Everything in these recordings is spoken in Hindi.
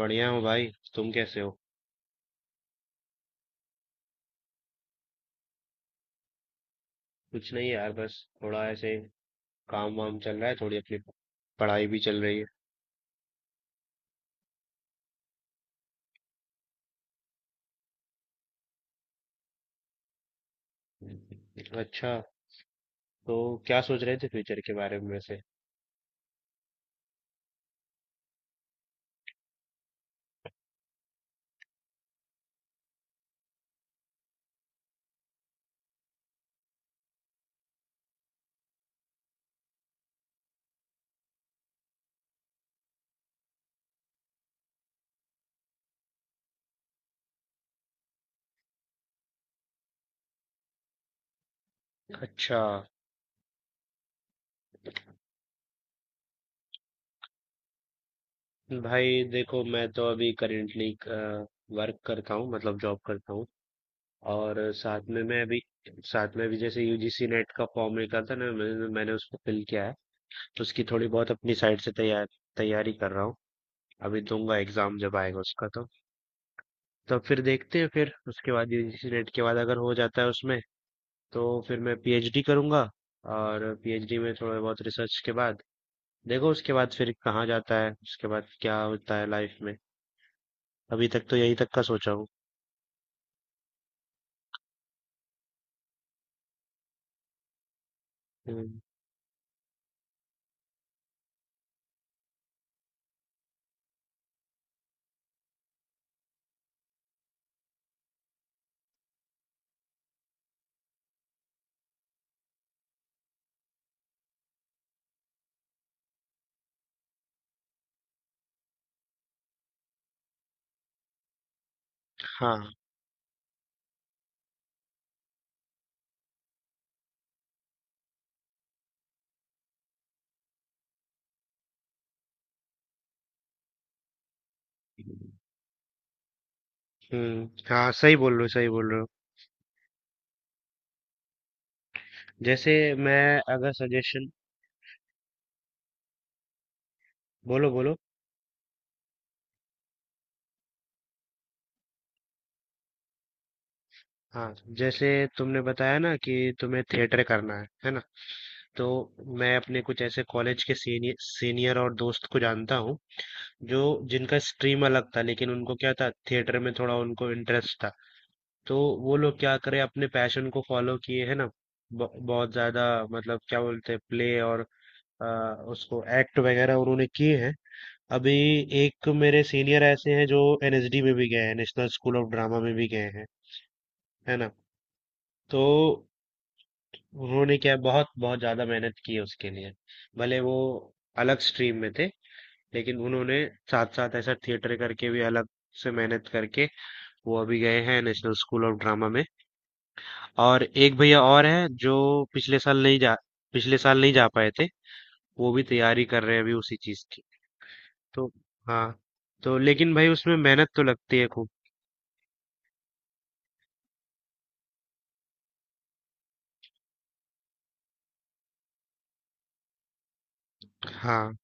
बढ़िया हूँ भाई। तुम कैसे हो? कुछ नहीं यार, बस थोड़ा ऐसे काम वाम चल रहा है, थोड़ी अपनी पढ़ाई भी चल रही है। अच्छा। तो क्या सोच रहे थे फ्यूचर के बारे में वैसे? अच्छा। भाई देखो, मैं तो अभी करेंटली वर्क करता हूँ, मतलब जॉब करता हूँ। और साथ में अभी जैसे यूजीसी नेट का फॉर्म निकला था ना, मैंने मैंने उसको फिल किया है। तो उसकी थोड़ी बहुत अपनी साइड से तैयारी कर रहा हूँ। अभी दूंगा एग्जाम जब आएगा उसका, तो तब फिर देखते हैं। फिर उसके बाद यूजीसी नेट के बाद अगर हो जाता है उसमें, तो फिर मैं पीएचडी करूंगा। और पीएचडी में थोड़ा बहुत रिसर्च के बाद देखो उसके बाद फिर कहाँ जाता है, उसके बाद क्या होता है लाइफ में। अभी तक तो यही तक का सोचा हूँ। हम्म, हाँ। हम्म, हाँ, सही बोल रहे हो, सही बोल रहे हो। जैसे मैं, अगर सजेशन, बोलो बोलो। हाँ जैसे तुमने बताया ना कि तुम्हें थिएटर करना है ना? तो मैं अपने कुछ ऐसे कॉलेज के सीनियर सीनियर और दोस्त को जानता हूँ, जो जिनका स्ट्रीम अलग था लेकिन उनको क्या था, थिएटर में थोड़ा उनको इंटरेस्ट था। तो वो लोग क्या करे, अपने पैशन को फॉलो किए, है ना? बहुत ज्यादा, मतलब क्या बोलते हैं, प्ले और अ, उसको एक्ट वगैरह उन्होंने किए हैं। अभी एक मेरे सीनियर ऐसे हैं जो एनएसडी में भी गए हैं, नेशनल स्कूल ऑफ ड्रामा में भी गए हैं, है ना? तो उन्होंने क्या, बहुत बहुत ज्यादा मेहनत की है उसके लिए। भले वो अलग स्ट्रीम में थे लेकिन उन्होंने साथ साथ ऐसा थिएटर करके भी अलग से मेहनत करके वो अभी गए हैं नेशनल स्कूल ऑफ ड्रामा में। और एक भैया और हैं जो पिछले साल नहीं जा पिछले साल नहीं जा पाए थे। वो भी तैयारी कर रहे हैं अभी उसी चीज की। तो हाँ। तो लेकिन भाई उसमें मेहनत तो लगती है खूब। हाँ,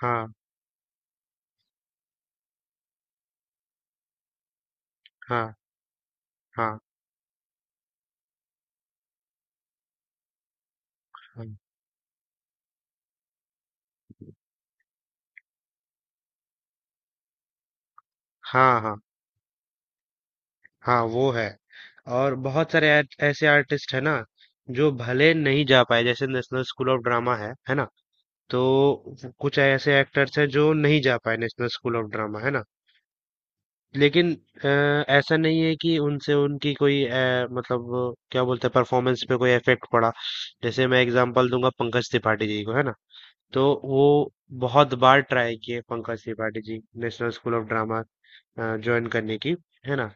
हाँ, हाँ, हाँ, हाँ, हाँ, हाँ, हाँ। वो है। और बहुत सारे ऐसे आर्टिस्ट है ना, जो भले नहीं जा पाए, जैसे नेशनल स्कूल ऑफ ड्रामा, है ना? तो कुछ ऐसे एक्टर्स हैं जो नहीं जा पाए नेशनल स्कूल ऑफ ड्रामा, है ना? लेकिन अ, ऐसा नहीं है कि उनसे उनकी कोई, मतलब क्या बोलते हैं, परफॉर्मेंस पे कोई इफेक्ट पड़ा। जैसे मैं एग्जांपल दूंगा पंकज त्रिपाठी जी को, है ना? तो वो बहुत बार ट्राई किए Pankaj Tripathi ji National School of Drama join करने की, है ना?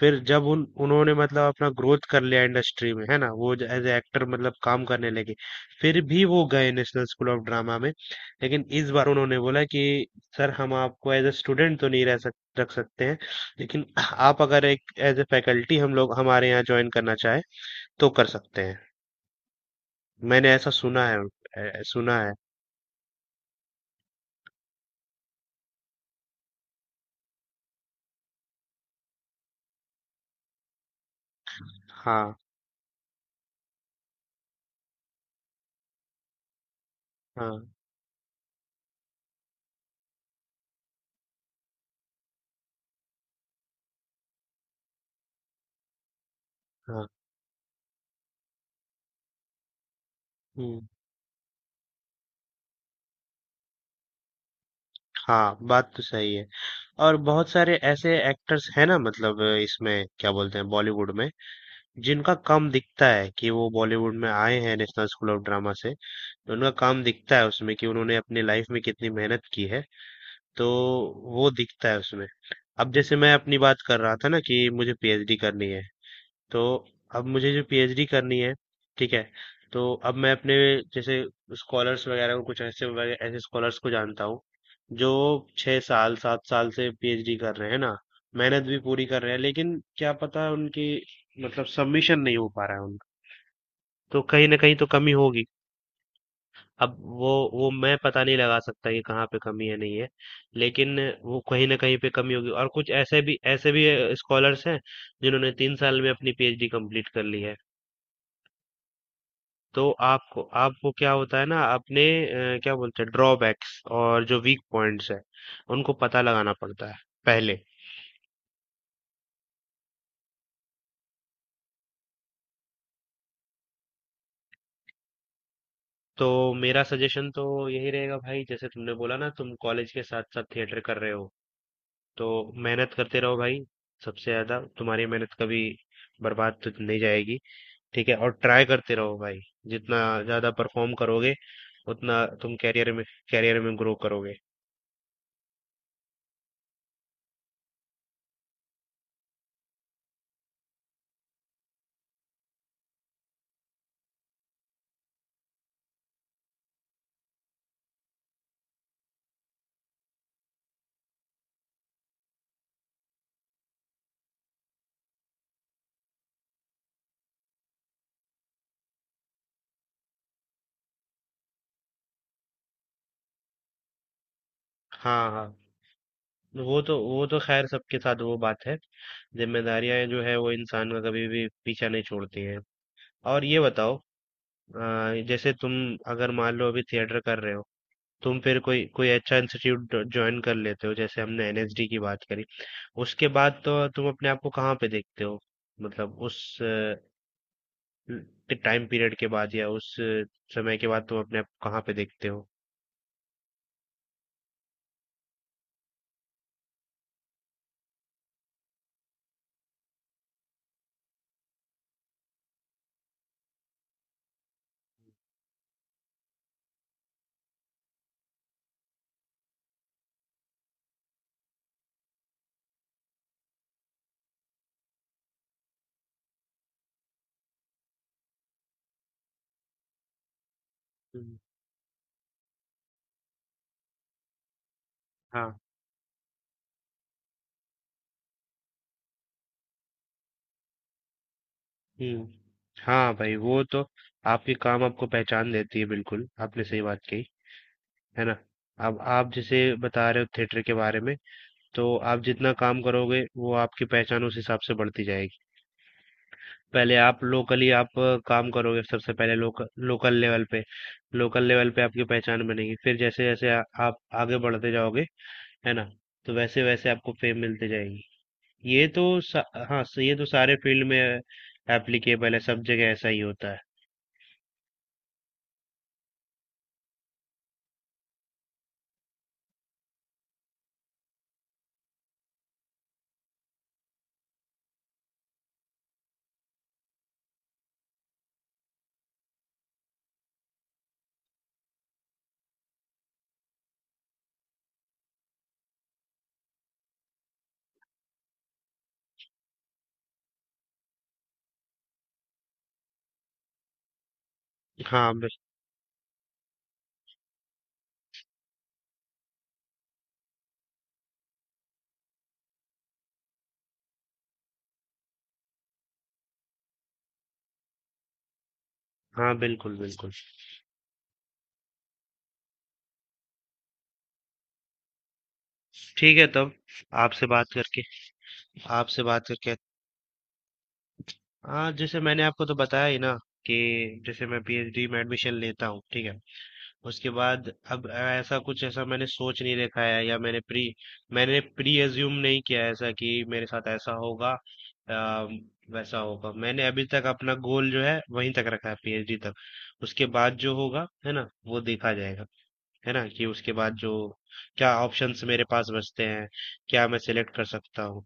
फिर जब उन उन्होंने मतलब अपना ग्रोथ कर लिया इंडस्ट्री में, है ना, वो एज एक्टर मतलब काम करने लगे। फिर भी वो गए नेशनल स्कूल ऑफ ड्रामा में। लेकिन इस बार उन्होंने बोला कि सर हम आपको एज ए स्टूडेंट तो नहीं रह सक रख सकते हैं, लेकिन आप अगर एक एज ए फैकल्टी हम लोग हमारे यहाँ ज्वाइन करना चाहे तो कर सकते हैं। मैंने ऐसा सुना है, सुना है। हाँ, हाँ, हाँ, हम्म। हाँ, बात तो सही है। और बहुत सारे ऐसे एक्टर्स हैं ना, मतलब इसमें क्या बोलते हैं, बॉलीवुड में, जिनका काम दिखता है कि वो बॉलीवुड में आए हैं नेशनल स्कूल ऑफ ड्रामा से। तो उनका काम दिखता है उसमें कि उन्होंने अपनी लाइफ में कितनी मेहनत की है। तो वो दिखता है उसमें। अब जैसे मैं अपनी बात कर रहा था ना कि मुझे पीएचडी करनी है, तो अब मुझे जो पीएचडी करनी है ठीक है, तो अब मैं अपने जैसे स्कॉलर्स वगैरह को, कुछ ऐसे ऐसे स्कॉलर्स को जानता हूँ जो 6 साल 7 साल से पीएचडी कर रहे हैं ना। मेहनत भी पूरी कर रहे हैं लेकिन क्या पता उनकी, मतलब सबमिशन नहीं हो पा रहा है उनका। तो कहीं ना कहीं तो कमी होगी। अब वो वो मैं पता नहीं लगा सकता कि कहाँ पे कमी है, नहीं है, लेकिन वो कहीं ना कहीं पे कमी होगी। और कुछ ऐसे भी स्कॉलर्स हैं जिन्होंने 3 साल में अपनी पीएचडी कंप्लीट कर ली है। तो आपको आपको क्या होता है ना, अपने क्या बोलते हैं ड्रॉबैक्स और जो वीक पॉइंट्स है, उनको पता लगाना पड़ता है पहले। तो मेरा सजेशन तो यही रहेगा भाई, जैसे तुमने बोला ना तुम कॉलेज के साथ साथ थिएटर कर रहे हो, तो मेहनत करते रहो भाई। सबसे ज्यादा तुम्हारी मेहनत कभी बर्बाद तो नहीं जाएगी, ठीक है? और ट्राई करते रहो भाई। जितना ज्यादा परफॉर्म करोगे उतना तुम कैरियर में ग्रो करोगे। हाँ, हाँ। वो तो खैर सबके साथ वो बात है। जिम्मेदारियां जो है वो इंसान का कभी भी पीछा नहीं छोड़ती हैं। और ये बताओ, जैसे तुम, अगर मान लो अभी थिएटर कर रहे हो, तुम फिर कोई कोई अच्छा इंस्टीट्यूट ज्वाइन कर लेते हो, जैसे हमने एनएसडी की बात करी, उसके बाद तो तुम अपने आप को कहाँ पे देखते हो? मतलब उस टाइम पीरियड के बाद, या उस समय के बाद तुम अपने आप को कहाँ पे देखते हो? हम्म, हाँ, हुँ। हाँ भाई, वो तो आपके काम आपको पहचान देती है, बिल्कुल। आपने सही बात कही, है ना? अब आप जैसे बता रहे हो थिएटर के बारे में, तो आप जितना काम करोगे वो आपकी पहचान उस हिसाब से बढ़ती जाएगी। पहले आप लोकली आप काम करोगे, सबसे पहले लोकल लोकल लेवल पे आपकी पहचान बनेगी। फिर जैसे-जैसे आप आगे बढ़ते जाओगे, है ना? तो वैसे-वैसे आपको फेम मिलती जाएगी। ये तो सा, हाँ, ये तो सारे फील्ड में एप्लीकेबल है, सब जगह ऐसा ही होता है। हाँ, हाँ, बिल्कुल, बिल्कुल। ठीक है, तब आपसे बात करके आपसे बात करके। हाँ जैसे मैंने आपको तो बताया ही ना कि जैसे मैं पीएचडी में एडमिशन लेता हूँ, ठीक है, उसके बाद अब ऐसा कुछ ऐसा मैंने सोच नहीं रखा है, या मैंने प्री एज्यूम नहीं किया है, ऐसा कि मेरे साथ ऐसा होगा या वैसा होगा। मैंने अभी तक अपना गोल जो है वहीं तक रखा है, पीएचडी तक। उसके बाद जो होगा है ना वो देखा जाएगा, है ना, कि उसके बाद जो क्या ऑप्शंस मेरे पास बचते हैं, क्या मैं सिलेक्ट कर सकता हूँ,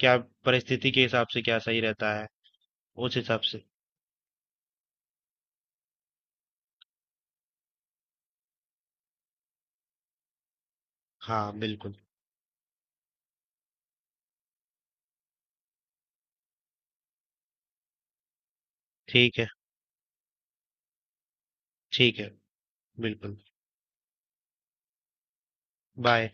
क्या परिस्थिति के हिसाब से क्या सही रहता है, उस हिसाब से। हाँ बिल्कुल। ठीक है, ठीक है। बिल्कुल। बाय।